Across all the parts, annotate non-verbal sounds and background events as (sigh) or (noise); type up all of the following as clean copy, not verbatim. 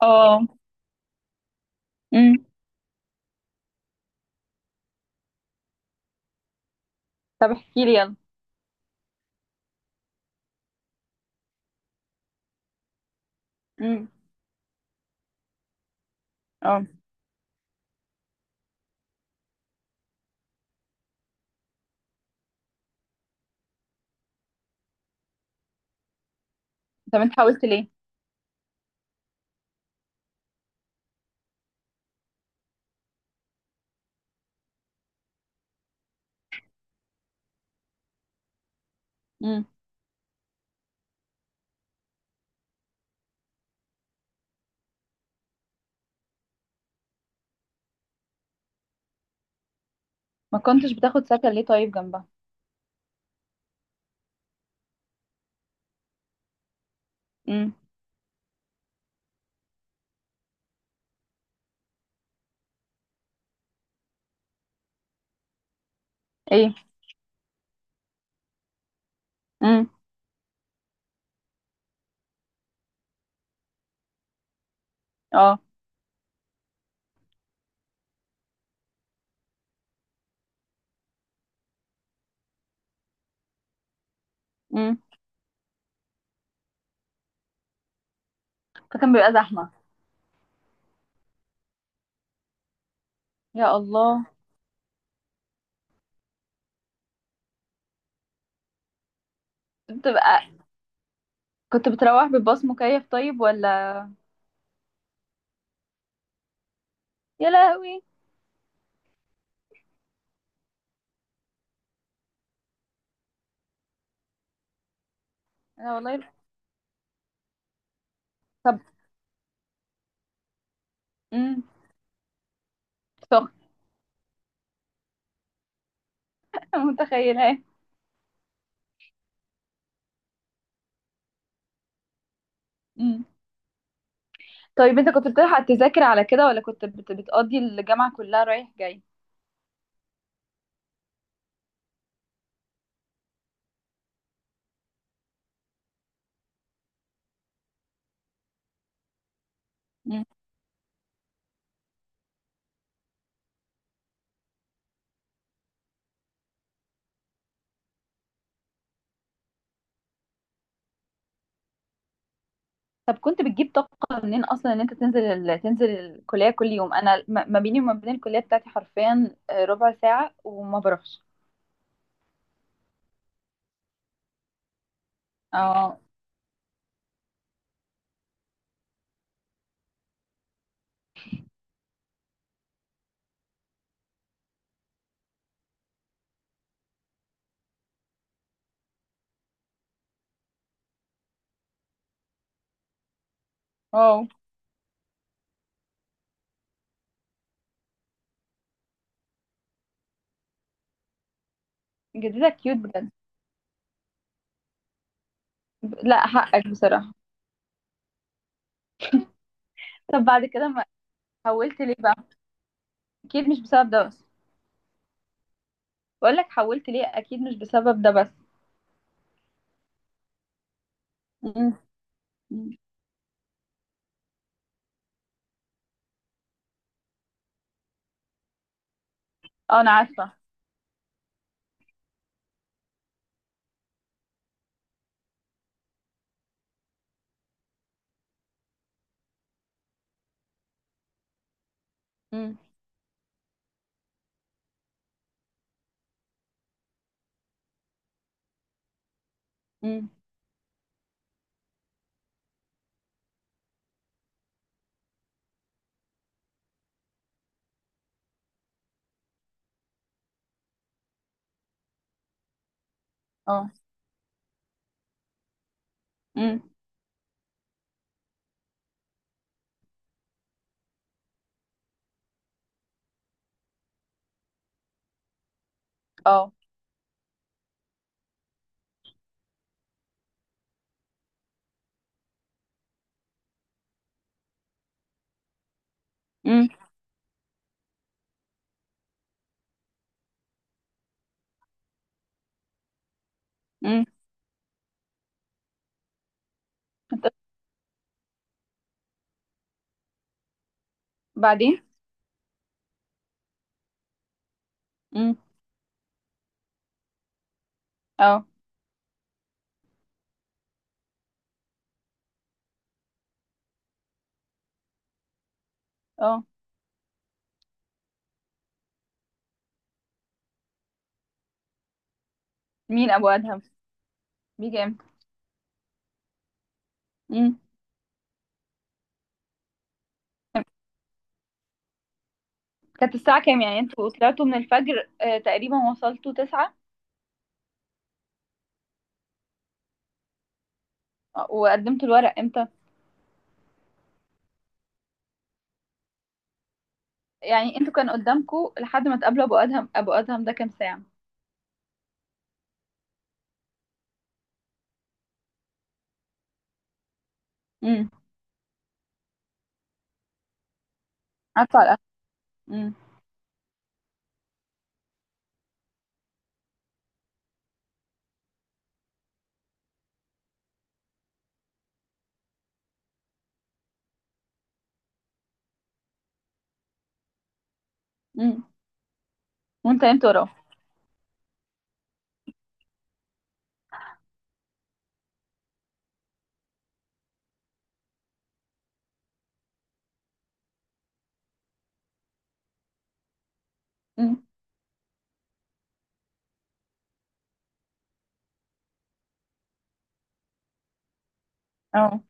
اه. امم. طب احكي لي يلا. امم. اه. طب انت حاولت ليه؟ امم. ما كنتش بتاخد سكن ليه طيب جنبها؟ امم. ايه. امم. اه. امم. فكان بيبقى زحمه. يا الله. بتبقى كنت بتروح بالباص مكيف طيب ولا؟ يا لهوي. انا والله. طب. امم. سخن. (laughs) متخيله. امم. طيب انت كنت بتلحق تذاكر على كده ولا كنت بتقضي الجامعه كلها رايح جاي؟ طب كنت بتجيب طاقة منين أصلا إن أنت تنزل تنزل الكلية كل يوم؟ أنا ما بيني وما بين الكلية بتاعتي حرفيا ربع ساعة وما بروحش. اه. اه، جدتك كيوت بجد. لا حقك بصراحة. طب بعد كده ما حولت ليه بقى؟ أكيد مش بسبب ده بس. بقول لك حولت ليه أكيد مش بسبب ده بس. أمم. أمم. اه، أنا عارفة. أمم. أمم. اه. أمم. اه. أمم. أمم. بعدين. أمم. اه. اه، مين أبو أدهم؟ بيجي امتى؟ كانت الساعة كام يعني؟ انتوا طلعتوا من الفجر تقريبا وصلتوا تسعة؟ وقدمتوا الورق امتى؟ يعني انتوا كان قدامكوا لحد ما تقابلوا ابو ادهم، ابو ادهم ده كام ساعة؟ امم. قعدتوا على القهوة؟ امم. امم. وانت نمت وراه؟ امم. اه.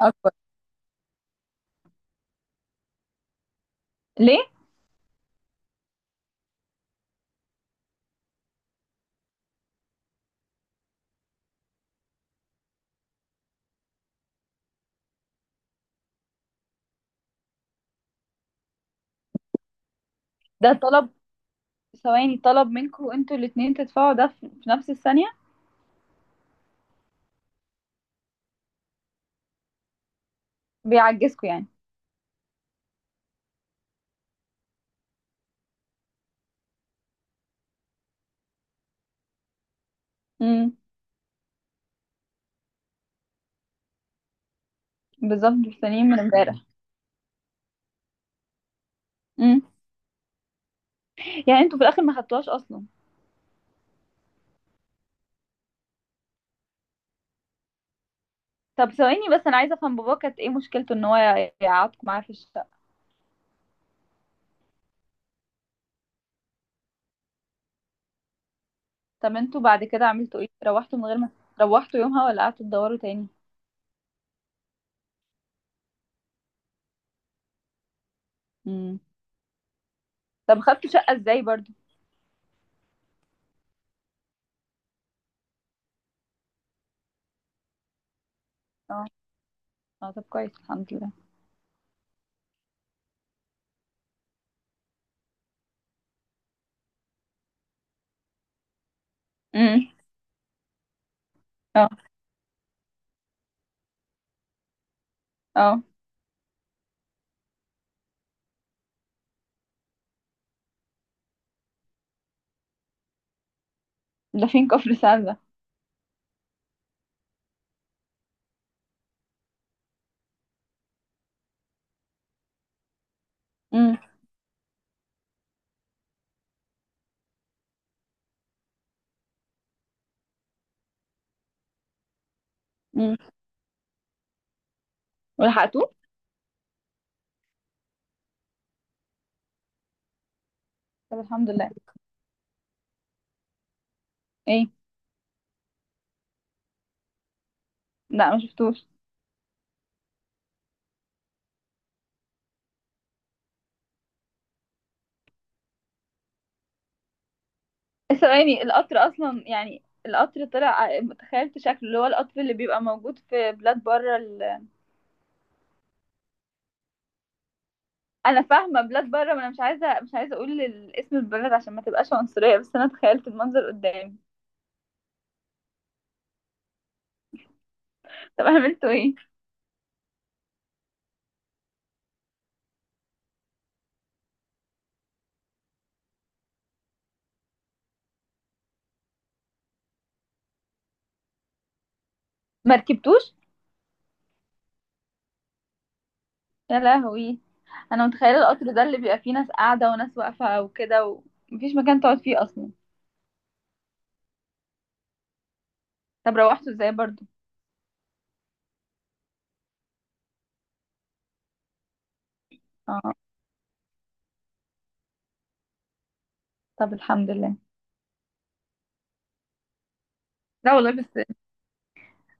اكبر؟ ليه؟ ده طلب؟ ثواني، طلب منكوا انتوا الاتنين تدفعوا ده في نفس الثانية؟ بيعجزكوا يعني. امم. بالظبط، مستنيين من امبارح. امم. يعني انتوا في الاخر ما خدتوهاش اصلا؟ طب ثواني بس، انا عايزه افهم، بابا كانت ايه مشكلته ان هو يقعدكم معاه في الشقه؟ طب انتوا بعد كده عملتوا ايه؟ روحتوا من غير ما روحتوا يومها ولا قعدتوا تدوروا تاني؟ امم. طب خدتوا شقة ازاي برضو؟ اه. اه، طب كويس الحمد لله. امم. اه. اه، ده فين كفر سعد ده؟ امم. امم. ولحقتوه؟ طب الحمد لله. ايه؟ لا، ما شفتوش. (laughs) ثواني، القطر اصلا يعني القطر طلع. تخيلت شكله اللي هو القطر اللي بيبقى موجود في بلاد بره انا فاهمه بلاد بره، ما انا مش عايزه مش عايزه اقول اسم البلد عشان ما تبقاش عنصريه، بس انا تخيلت المنظر قدامي. طب عملتوا ايه؟ ما ركبتوش؟ يا لهوي. انا متخيله القطر ده اللي بيبقى فيه ناس قاعده وناس واقفه وكده ومفيش مكان تقعد فيه اصلا. طب روحته ازاي برضو؟ اه. طب الحمد لله. لا والله، بس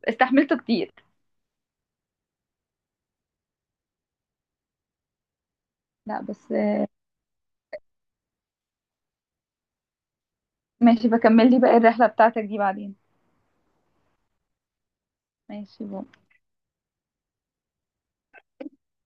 استحملته كتير. لا بس. ماشي، بكمل لي بقى الرحله بتاعتك دي بعدين. ماشي بو.